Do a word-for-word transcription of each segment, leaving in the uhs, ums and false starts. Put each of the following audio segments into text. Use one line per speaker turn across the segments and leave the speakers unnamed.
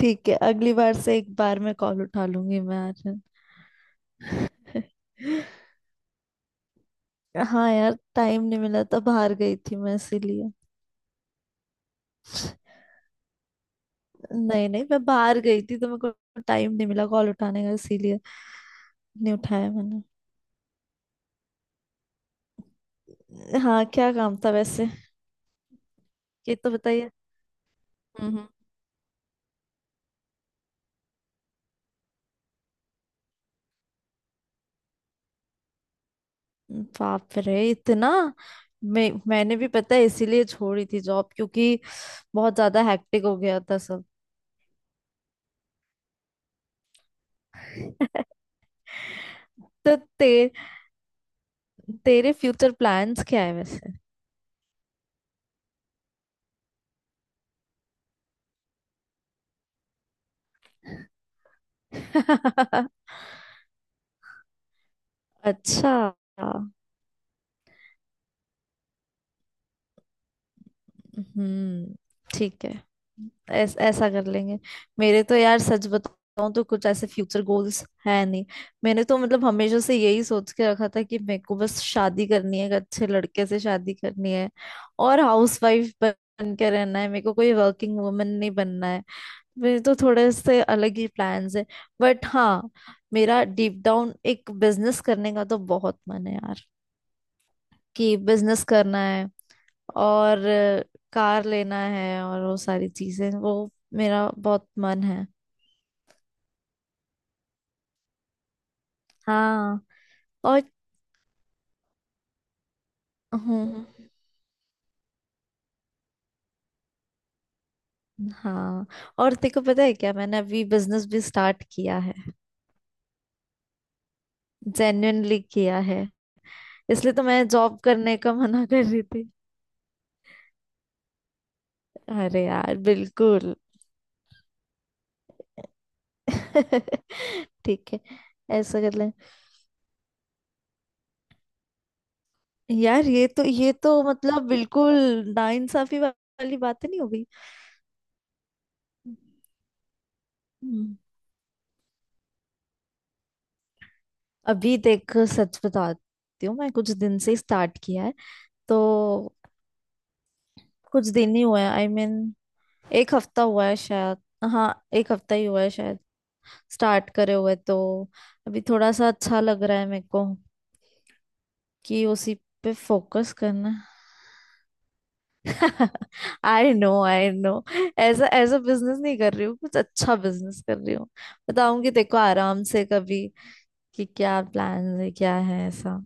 ठीक है। अगली बार से एक बार मैं कॉल उठा लूंगी मैं आर्यन। हाँ यार, टाइम नहीं मिला था, बाहर गई थी मैं इसीलिए। नहीं नहीं, मैं बाहर गई थी तो मेरे को टाइम नहीं मिला कॉल उठाने का, इसीलिए नहीं उठाया मैंने। हाँ, क्या काम था वैसे। ये तो बताइए। हम्म हम्म। बाप रे इतना। मैं मैंने भी पता है इसीलिए छोड़ी थी जॉब, क्योंकि बहुत ज्यादा हैक्टिक हो गया था सब। तो ते, तेरे फ्यूचर प्लान्स क्या है वैसे। अच्छा। हम्म। ठीक है। ऐस, ऐसा कर लेंगे। मेरे तो यार सच बताऊं तो कुछ ऐसे फ्यूचर गोल्स है नहीं। मैंने तो मतलब हमेशा से यही सोच के रखा था कि मेरे को बस शादी करनी है, एक अच्छे लड़के से शादी करनी है और हाउसवाइफ बन के रहना है। मेरे को कोई वर्किंग वुमन नहीं बनना है। मेरे तो थोड़े से अलग ही प्लान्स है। बट हाँ, मेरा डीप डाउन एक बिजनेस करने का तो बहुत मन है यार, कि बिजनेस करना है। और कार लेना है और वो सारी चीजें, वो मेरा बहुत मन है। हाँ। और हूँ। हाँ। और तेको पता है क्या, मैंने अभी बिजनेस भी स्टार्ट किया है। जेन्युइनली किया है। इसलिए तो मैं जॉब करने का मना कर रही थी। अरे यार, बिल्कुल। ठीक है, ऐसा कर लें। यार, ये तो ये तो मतलब बिल्कुल नाइंसाफी वा- वाली बात तो नहीं हो गई? हम्म। अभी देख, सच बताती हूँ मैं कुछ दिन से स्टार्ट किया है तो। कुछ दिन ही हुआ है, आई I मीन mean, एक हफ्ता हुआ है शायद। हाँ, एक हफ्ता ही हुआ है शायद स्टार्ट करे हुए तो। अभी थोड़ा सा अच्छा लग रहा है मेरे को कि उसी पे फोकस करना। आई नो आई नो। ऐसा ऐसा बिजनेस नहीं कर रही हूँ, कुछ अच्छा बिजनेस कर रही हूँ। बताऊंगी तेको आराम से कभी कि क्या प्लान है, क्या है ऐसा।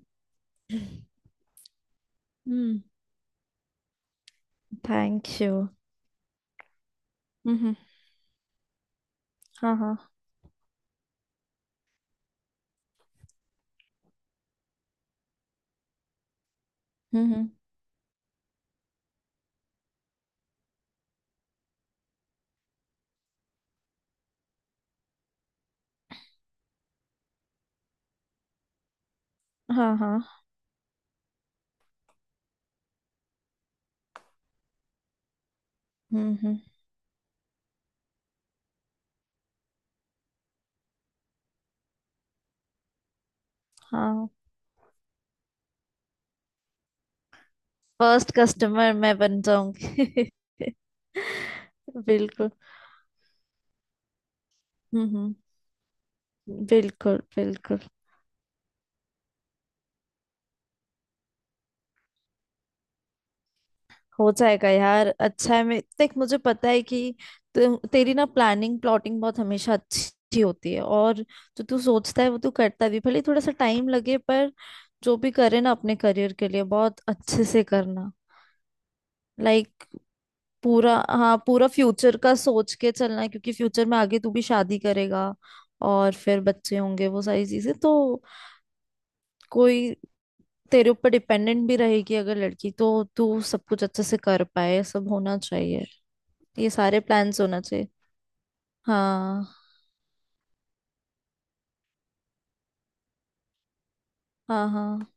हम्म। Thank you. हम्म। हाँ हाँ। हम्म हम्म। हाँ हाँ। हम्म हम्म। हाँ, फर्स्ट कस्टमर मैं बन जाऊंगी। बिल्कुल। हम्म हम्म। बिल्कुल बिल्कुल। हो जाएगा यार, अच्छा है। मैं देख, मुझे पता है कि तु, तेरी ना प्लानिंग प्लॉटिंग बहुत हमेशा अच्छी होती है, और जो तू सोचता है वो तू करता भी, भले थोड़ा सा टाइम लगे। पर जो भी करे ना अपने करियर के लिए, बहुत अच्छे से करना। लाइक पूरा, हाँ, पूरा फ्यूचर का सोच के चलना है, क्योंकि फ्यूचर में आगे तू भी शादी करेगा और फिर बच्चे होंगे, वो सारी चीजें। तो कोई तेरे ऊपर डिपेंडेंट भी रहेगी अगर लड़की, तो तू सब कुछ अच्छे से कर पाए, ये सब होना चाहिए। ये सारे प्लान्स होना चाहिए। हाँ हाँ हाँ।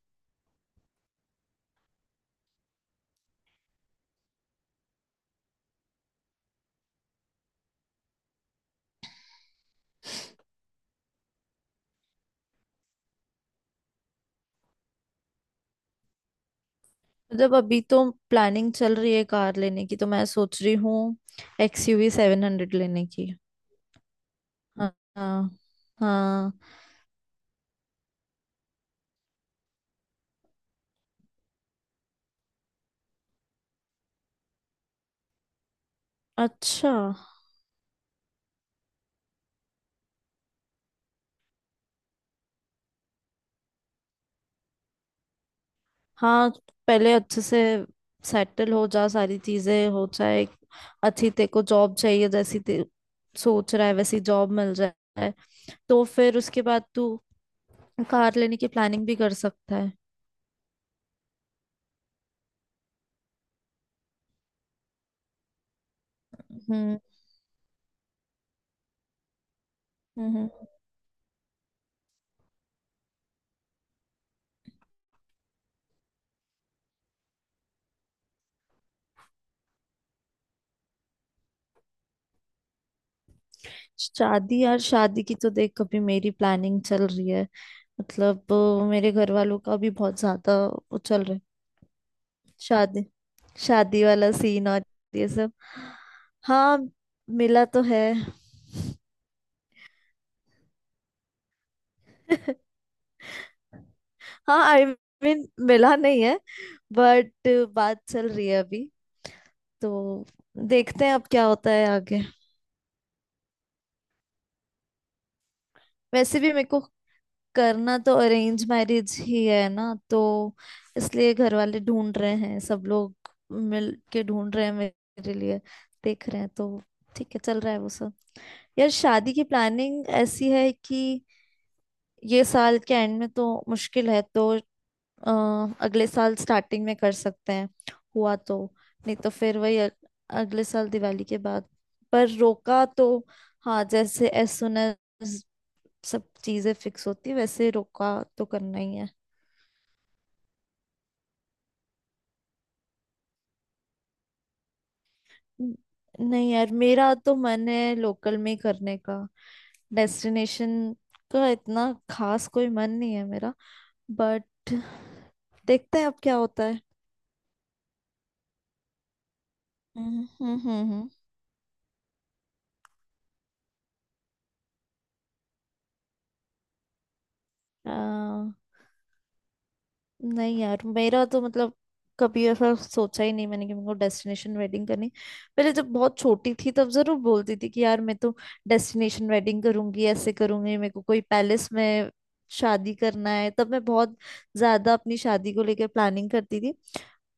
मतलब अभी तो प्लानिंग चल रही है कार लेने की, तो मैं सोच रही हूँ एक्सयूवी सेवन हंड्रेड लेने की। हाँ हाँ हाँ। अच्छा। हाँ, पहले अच्छे से सेटल हो जा, सारी चीजें हो जाए, एक अच्छी तेरे को जॉब चाहिए जैसी ते सोच रहा है वैसी जॉब मिल जाए, तो फिर उसके बाद तू कार लेने की प्लानिंग भी कर सकता है। हम्म हम्म हम्म। शादी यार, शादी की तो देख कभी मेरी प्लानिंग चल रही है, मतलब अ, मेरे घर वालों का भी बहुत ज्यादा वो चल रहा है। शादी, शादी वाला सीन और ये सब। हाँ, मिला तो है। हाँ, आई मीन, मिला नहीं है बट बात चल रही है अभी। तो देखते हैं अब क्या होता है आगे। वैसे भी मेरे को करना तो अरेंज मैरिज ही है ना, तो इसलिए घर वाले ढूंढ रहे हैं, सब लोग मिल के ढूंढ रहे हैं मेरे लिए, देख रहे हैं तो। ठीक है, चल रहा है वो सब। यार शादी की प्लानिंग ऐसी है कि ये साल के एंड में तो मुश्किल है, तो अ, अगले साल स्टार्टिंग में कर सकते हैं हुआ तो। नहीं तो फिर वही अ- अगले साल दिवाली के बाद। पर रोका तो, हाँ, जैसे एज सुन एज सब चीजें फिक्स होती वैसे रोका तो करना ही है। न- नहीं यार, मेरा तो मन है लोकल में ही करने का। डेस्टिनेशन का इतना खास कोई मन नहीं है मेरा। बट देखते हैं अब क्या होता है। हम्म हम्म हम्म हम्म। नहीं यार, मेरा तो मतलब कभी ऐसा सोचा ही नहीं मैंने कि मेरे को डेस्टिनेशन वेडिंग करनी। पहले जब बहुत छोटी थी तब जरूर बोलती थी कि यार मैं तो डेस्टिनेशन वेडिंग करूंगी, ऐसे करूंगी, मेरे को कोई पैलेस में शादी करना है। तब मैं बहुत ज्यादा अपनी शादी को लेकर प्लानिंग करती थी।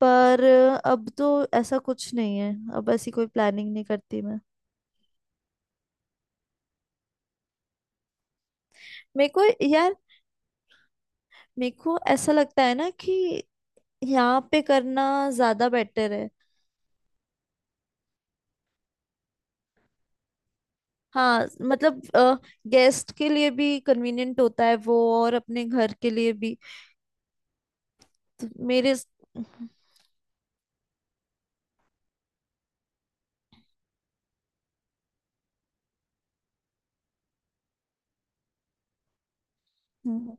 पर अब तो ऐसा कुछ नहीं है, अब ऐसी कोई प्लानिंग नहीं करती मैं। मेरे को यार, मेरे को ऐसा लगता है ना कि यहाँ पे करना ज्यादा बेटर है। हाँ मतलब, गेस्ट के लिए भी कन्वीनियंट होता है वो और अपने घर के लिए भी। तो मेरे, हम्म,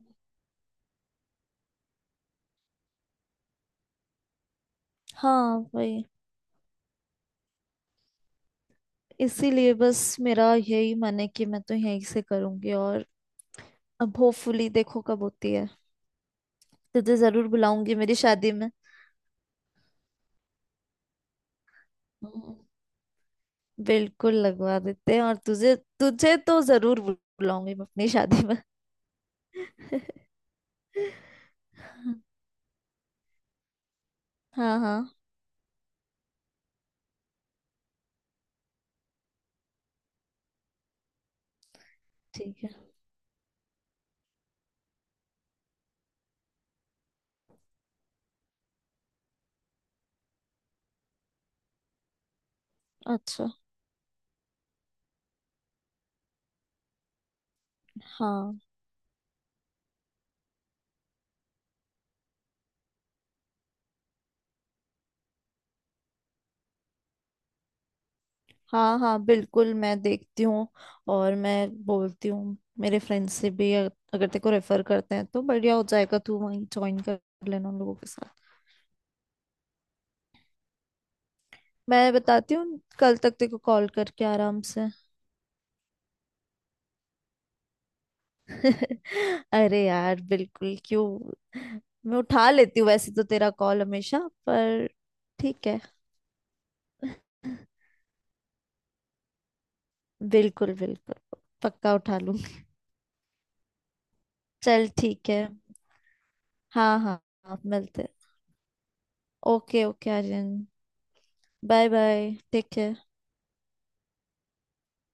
हाँ वही इसीलिए बस मेरा यही मन है कि मैं तो यहीं से करूंगी, और अब होपफुली देखो कब होती है। तुझे जरूर बुलाऊंगी मेरी शादी में। हम्म। बिल्कुल लगवा देते हैं, और तुझे तुझे तो जरूर बुलाऊंगी मैं अपनी शादी में। हाँ हाँ। ठीक है। अच्छा। हाँ हाँ हाँ, बिल्कुल मैं देखती हूँ। और मैं बोलती हूँ मेरे फ्रेंड्स से भी, अ- अगर तेरे को रेफर करते हैं तो बढ़िया हो जाएगा, तू वहीं ज्वाइन कर लेना उन लोगों के साथ। मैं बताती हूँ कल तक तेरे को, कॉल करके आराम से। अरे यार बिल्कुल, क्यों, मैं उठा लेती हूँ वैसे तो तेरा कॉल हमेशा। पर ठीक है, बिल्कुल बिल्कुल पक्का उठा लूंगी। चल, ठीक है। हाँ हाँ हाँ, मिलते। Okay okay Aryan. Bye bye, take care.